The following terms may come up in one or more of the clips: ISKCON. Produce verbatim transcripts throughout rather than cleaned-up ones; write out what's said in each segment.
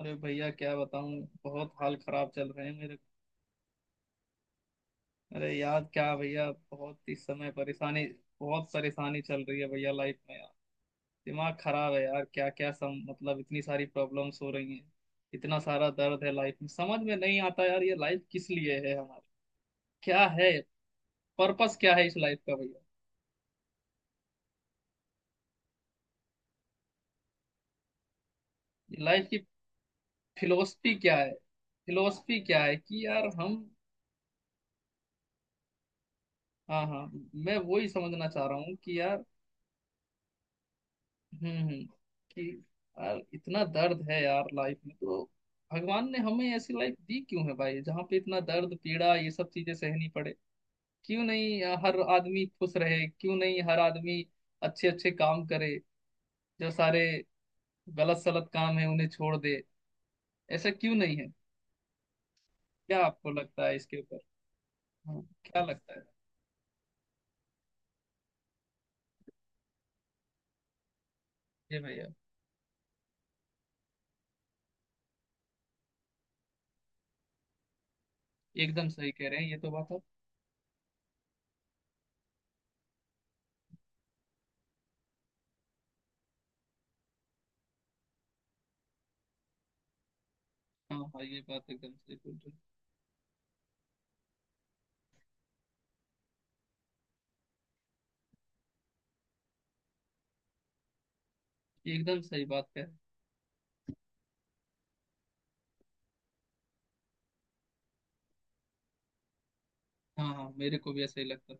अरे भैया क्या बताऊं, बहुत हाल खराब चल रहे हैं मेरे। अरे यार क्या भैया, बहुत इस समय परेशानी। बहुत परेशानी चल रही है भैया लाइफ में यार। दिमाग खराब है यार। क्या क्या सम मतलब इतनी सारी प्रॉब्लम्स हो रही हैं। इतना सारा दर्द है लाइफ में, समझ में नहीं आता यार ये लाइफ किस लिए है हमारी। क्या है? पर्पस क्या है इस लाइफ का भैया? ये लाइफ की फिलोसफी क्या है फिलोसफी क्या है कि यार हम। हाँ हाँ, मैं वही समझना चाह रहा हूँ कि यार हम्म हम्म, कि यार इतना दर्द है यार लाइफ में तो। भगवान ने हमें ऐसी लाइफ दी क्यों है भाई, जहाँ पे इतना दर्द, पीड़ा, ये सब चीजें सहनी पड़े? क्यों नहीं अ, हर आदमी खुश रहे, क्यों नहीं हर आदमी अच्छे अच्छे काम करे, जो सारे गलत सलत काम है उन्हें छोड़ दे? ऐसा क्यों नहीं है? क्या आपको लगता है इसके ऊपर? हाँ क्या लगता है? ये भैया एकदम सही कह रहे हैं, ये तो बात आप। हाँ हाँ, ये बात एकदम सही बोल रहे हैं। एकदम सही बात कह रहे हैं। हाँ हाँ, मेरे को भी ऐसा ही लगता है।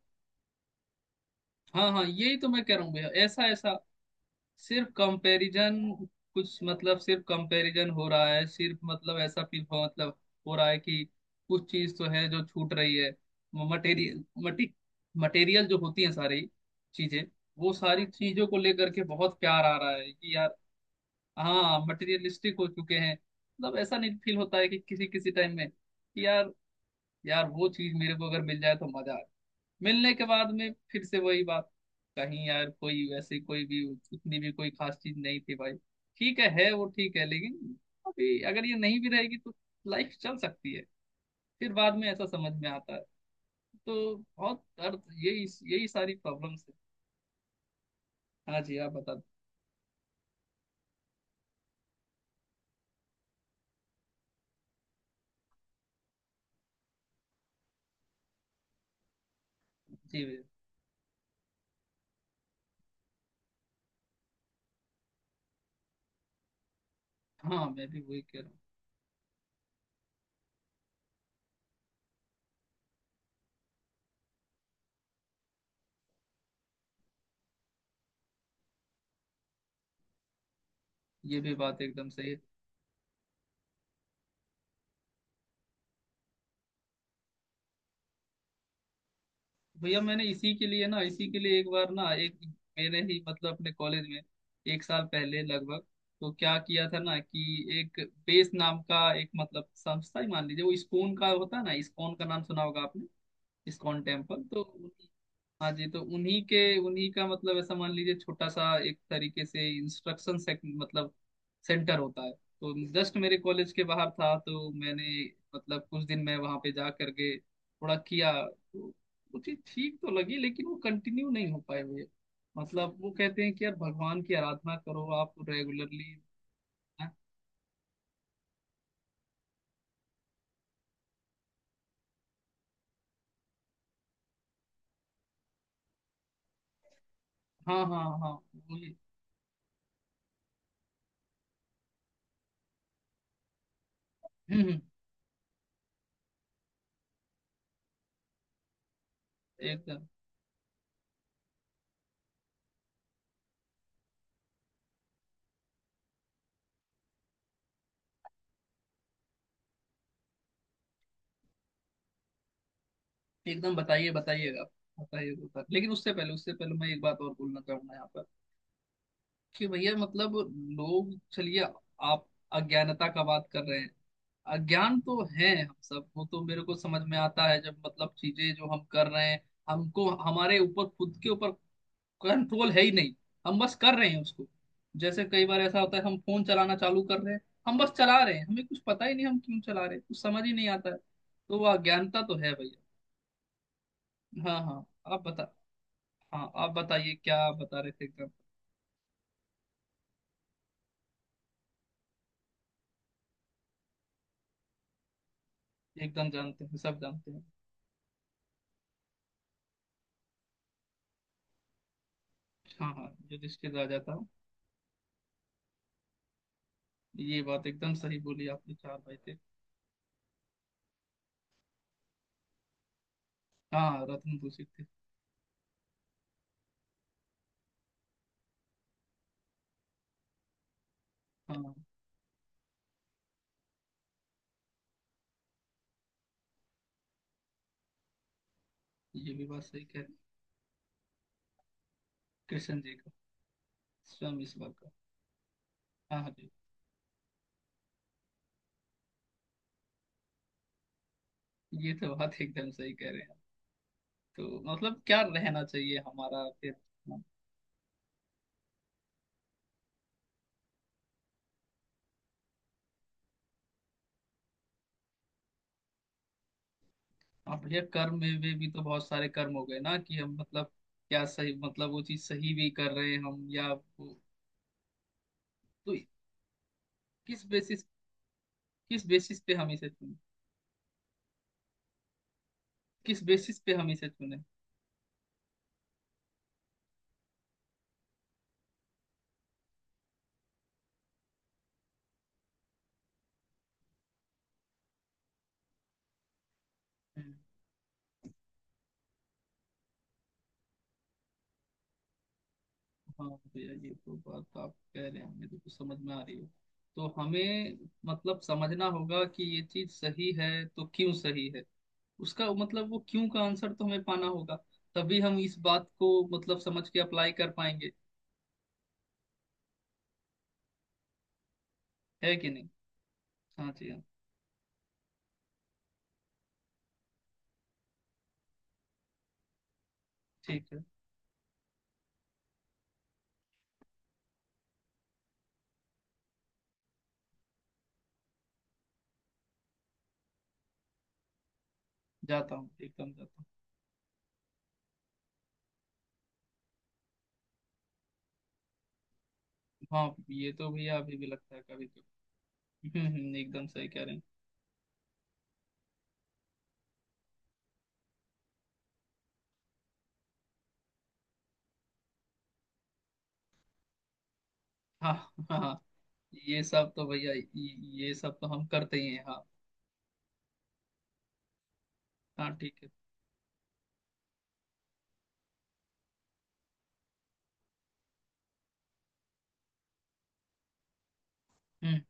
हाँ हाँ, यही तो मैं कह रहा हूँ भैया, ऐसा ऐसा सिर्फ कंपैरिजन। कुछ मतलब सिर्फ कंपैरिजन हो रहा है, सिर्फ मतलब ऐसा फील हो, मतलब हो रहा है कि कुछ चीज तो है जो छूट रही है। मटेरियल मटी मटेरियल जो होती है सारी चीजें, वो सारी चीजों को लेकर के बहुत प्यार आ रहा है कि यार। हाँ, मटेरियलिस्टिक हो चुके हैं, मतलब ऐसा नहीं फील होता है कि किसी किसी टाइम में कि यार, यार वो चीज मेरे को अगर मिल जाए तो मजा आ, मिलने के बाद में फिर से वही बात। कहीं यार, कोई वैसे कोई भी उतनी भी कोई खास चीज नहीं थी भाई। ठीक है, है वो ठीक है लेकिन अभी अगर ये नहीं भी रहेगी तो लाइफ चल सकती है। फिर बाद में ऐसा समझ में आता है, तो बहुत अर्थ यही। यही सारी प्रॉब्लम्स है। हाँ जी, आप बता। जी भैया। हाँ, मैं भी वही कह रहा हूँ। ये भी बात एकदम सही है। भैया, मैंने इसी के लिए ना, इसी के लिए एक बार ना, एक मैंने ही मतलब अपने कॉलेज में एक साल पहले लगभग, तो क्या किया था ना कि एक बेस नाम का एक मतलब संस्था ही मान लीजिए, वो इस्कॉन का होता है ना। इस्कॉन का नाम सुना होगा आपने, इस्कॉन टेम्पल तो? हाँ जी, तो उन्हीं के, उन्हीं का मतलब ऐसा मान लीजिए छोटा सा एक तरीके से इंस्ट्रक्शन से, मतलब सेंटर होता है, तो जस्ट मेरे कॉलेज के बाहर था, तो मैंने मतलब कुछ दिन मैं वहां पे जा करके थोड़ा किया, तो मुझे ठीक तो लगी लेकिन वो कंटिन्यू नहीं हो पाए हुए। मतलब वो कहते हैं कि यार भगवान की आराधना करो आप रेगुलरली। हाँ हाँ हाँ, वही। हम्म, हम्म, एकदम एकदम, बताइए बताइए आप। बताइए बताइए, लेकिन उससे पहले, उससे पहले मैं एक बात और बोलना चाहूंगा यहाँ पर कि भैया, मतलब लोग चलिए आप अज्ञानता का बात कर रहे हैं, अज्ञान तो है हम सब, वो तो मेरे को समझ में आता है। जब मतलब चीजें जो हम कर रहे हैं, हमको हमारे ऊपर, खुद के ऊपर कंट्रोल है ही नहीं, हम बस कर रहे हैं उसको। जैसे कई बार ऐसा होता है, हम फोन चलाना चालू कर रहे हैं, हम बस चला रहे हैं, हमें कुछ पता ही नहीं हम क्यों चला रहे हैं, कुछ समझ ही नहीं आता है। तो वो अज्ञानता तो है भैया। हाँ हाँ, आप बता। हाँ, आप बताइए, क्या आप बता रहे थे एकदम, एकदम जानते हैं, सब जानते हैं। हाँ हाँ, युधिष्ठिर राजा था। ये बात एकदम सही बोली आपने, चार भाई थे। हाँ, रत्न दूषित थे। हाँ हाँ, ये भी बात सही कह रहे हैं। कृष्ण जी का, स्वयं ईश्वर का। हाँ हाँ जी, ये तो बात एकदम सही कह रहे हैं आप। तो मतलब क्या रहना चाहिए हमारा फिर? आप भैया कर्म में में भी तो बहुत सारे कर्म हो गए ना कि हम मतलब, क्या सही मतलब वो चीज सही भी कर रहे हैं हम या वो? तो किस बेसिस, किस बेसिस पे हम इसे चुने, किस बेसिस पे हम इसे चुने? हाँ भैया, ये तो बात आप कह रहे हैं हमें देखो समझ में आ रही है। तो हमें मतलब समझना होगा कि ये चीज सही है तो क्यों सही है, उसका मतलब वो क्यों का आंसर तो हमें पाना होगा, तभी हम इस बात को मतलब समझ के अप्लाई कर पाएंगे, है कि नहीं? हाँ जी, हाँ। ठीक है। जाता हूँ, एकदम जाता हूँ। हाँ ये तो भैया अभी भी लगता है कभी कभी। हम्म हम्म, हम्म, एकदम सही कह रहे हैं। हाँ हाँ हाँ, ये सब तो भैया ये ये सब तो हम करते ही हैं हाँ। हाँ, ठीक है। हम्म।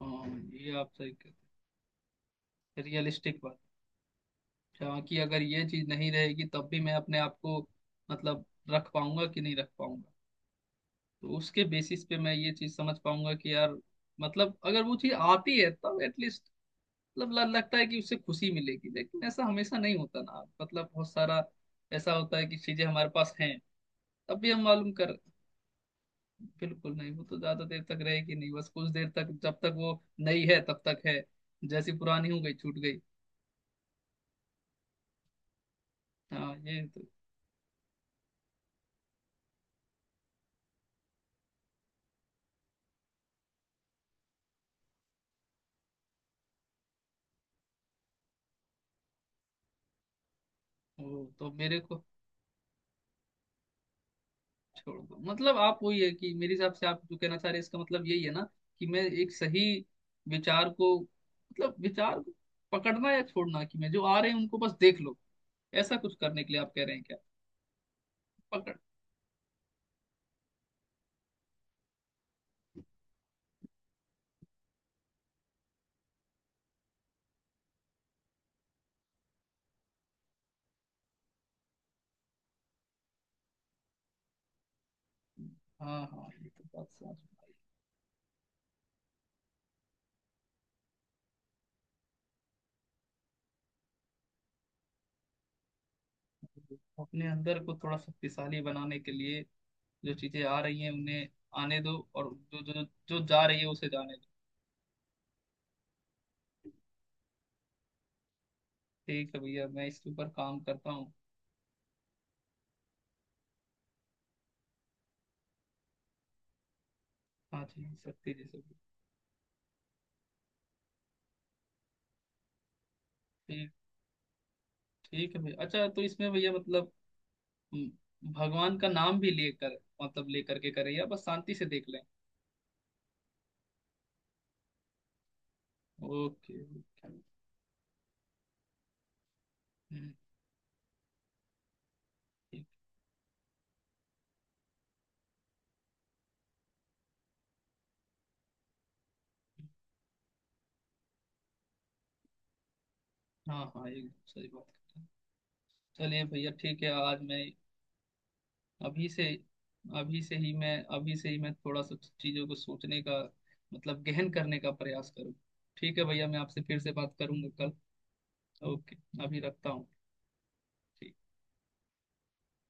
हाँ, ये आप सही कह, रियलिस्टिक बात, जहाँ कि अगर ये चीज नहीं रहेगी तब भी मैं अपने आप को मतलब रख पाऊंगा कि नहीं रख पाऊंगा। तो उसके बेसिस पे मैं ये चीज समझ पाऊंगा कि यार मतलब अगर वो चीज आती है तब एटलीस्ट, मतलब ल- लगता है कि उससे खुशी मिलेगी, लेकिन ऐसा हमेशा नहीं होता ना। मतलब बहुत सारा ऐसा होता है कि चीजें हमारे पास हैं, तब भी हम मालूम कर, बिल्कुल नहीं, वो तो ज्यादा देर तक रहेगी नहीं, बस कुछ देर तक जब तक वो नई है तब तक है, जैसी पुरानी हो गई, छूट गई। हाँ ये तो, ओ, तो मेरे को छोड़ दो, मतलब आप वही है कि मेरे हिसाब से आप जो कहना चाह रहे हैं इसका मतलब यही है ना, कि मैं एक सही विचार को, मतलब विचार को पकड़ना या छोड़ना, कि मैं जो आ रहे हैं उनको बस देख लो, ऐसा कुछ करने के लिए आप कह रहे हैं क्या? पकड़। हाँ हाँ, ये तो बात समझ में आई। अपने अंदर को थोड़ा शक्तिशाली बनाने के लिए जो चीजें आ रही हैं उन्हें आने दो, और जो जो जो जा रही है उसे जाने दो। ठीक है भैया, मैं इसके ऊपर काम करता हूँ। हाँ जी, शक्ति जैसे। ठीक। ठीक है भैया, अच्छा तो इसमें भैया मतलब हम्म, भगवान का नाम भी लेकर, मतलब लेकर के करें या बस शांति से देख लें? Okay okay. हम्म। ठीक। हाँ हाँ, एकदम सही बात कर रहे हैं। चलिए भैया ठीक है, आज मैं अभी से, अभी से ही मैं अभी से ही मैं थोड़ा सा चीज़ों को सोचने का, मतलब गहन करने का प्रयास करूँ। ठीक है भैया, मैं आपसे फिर से बात करूंगा कल। ओके। अभी रखता हूँ। ठीक।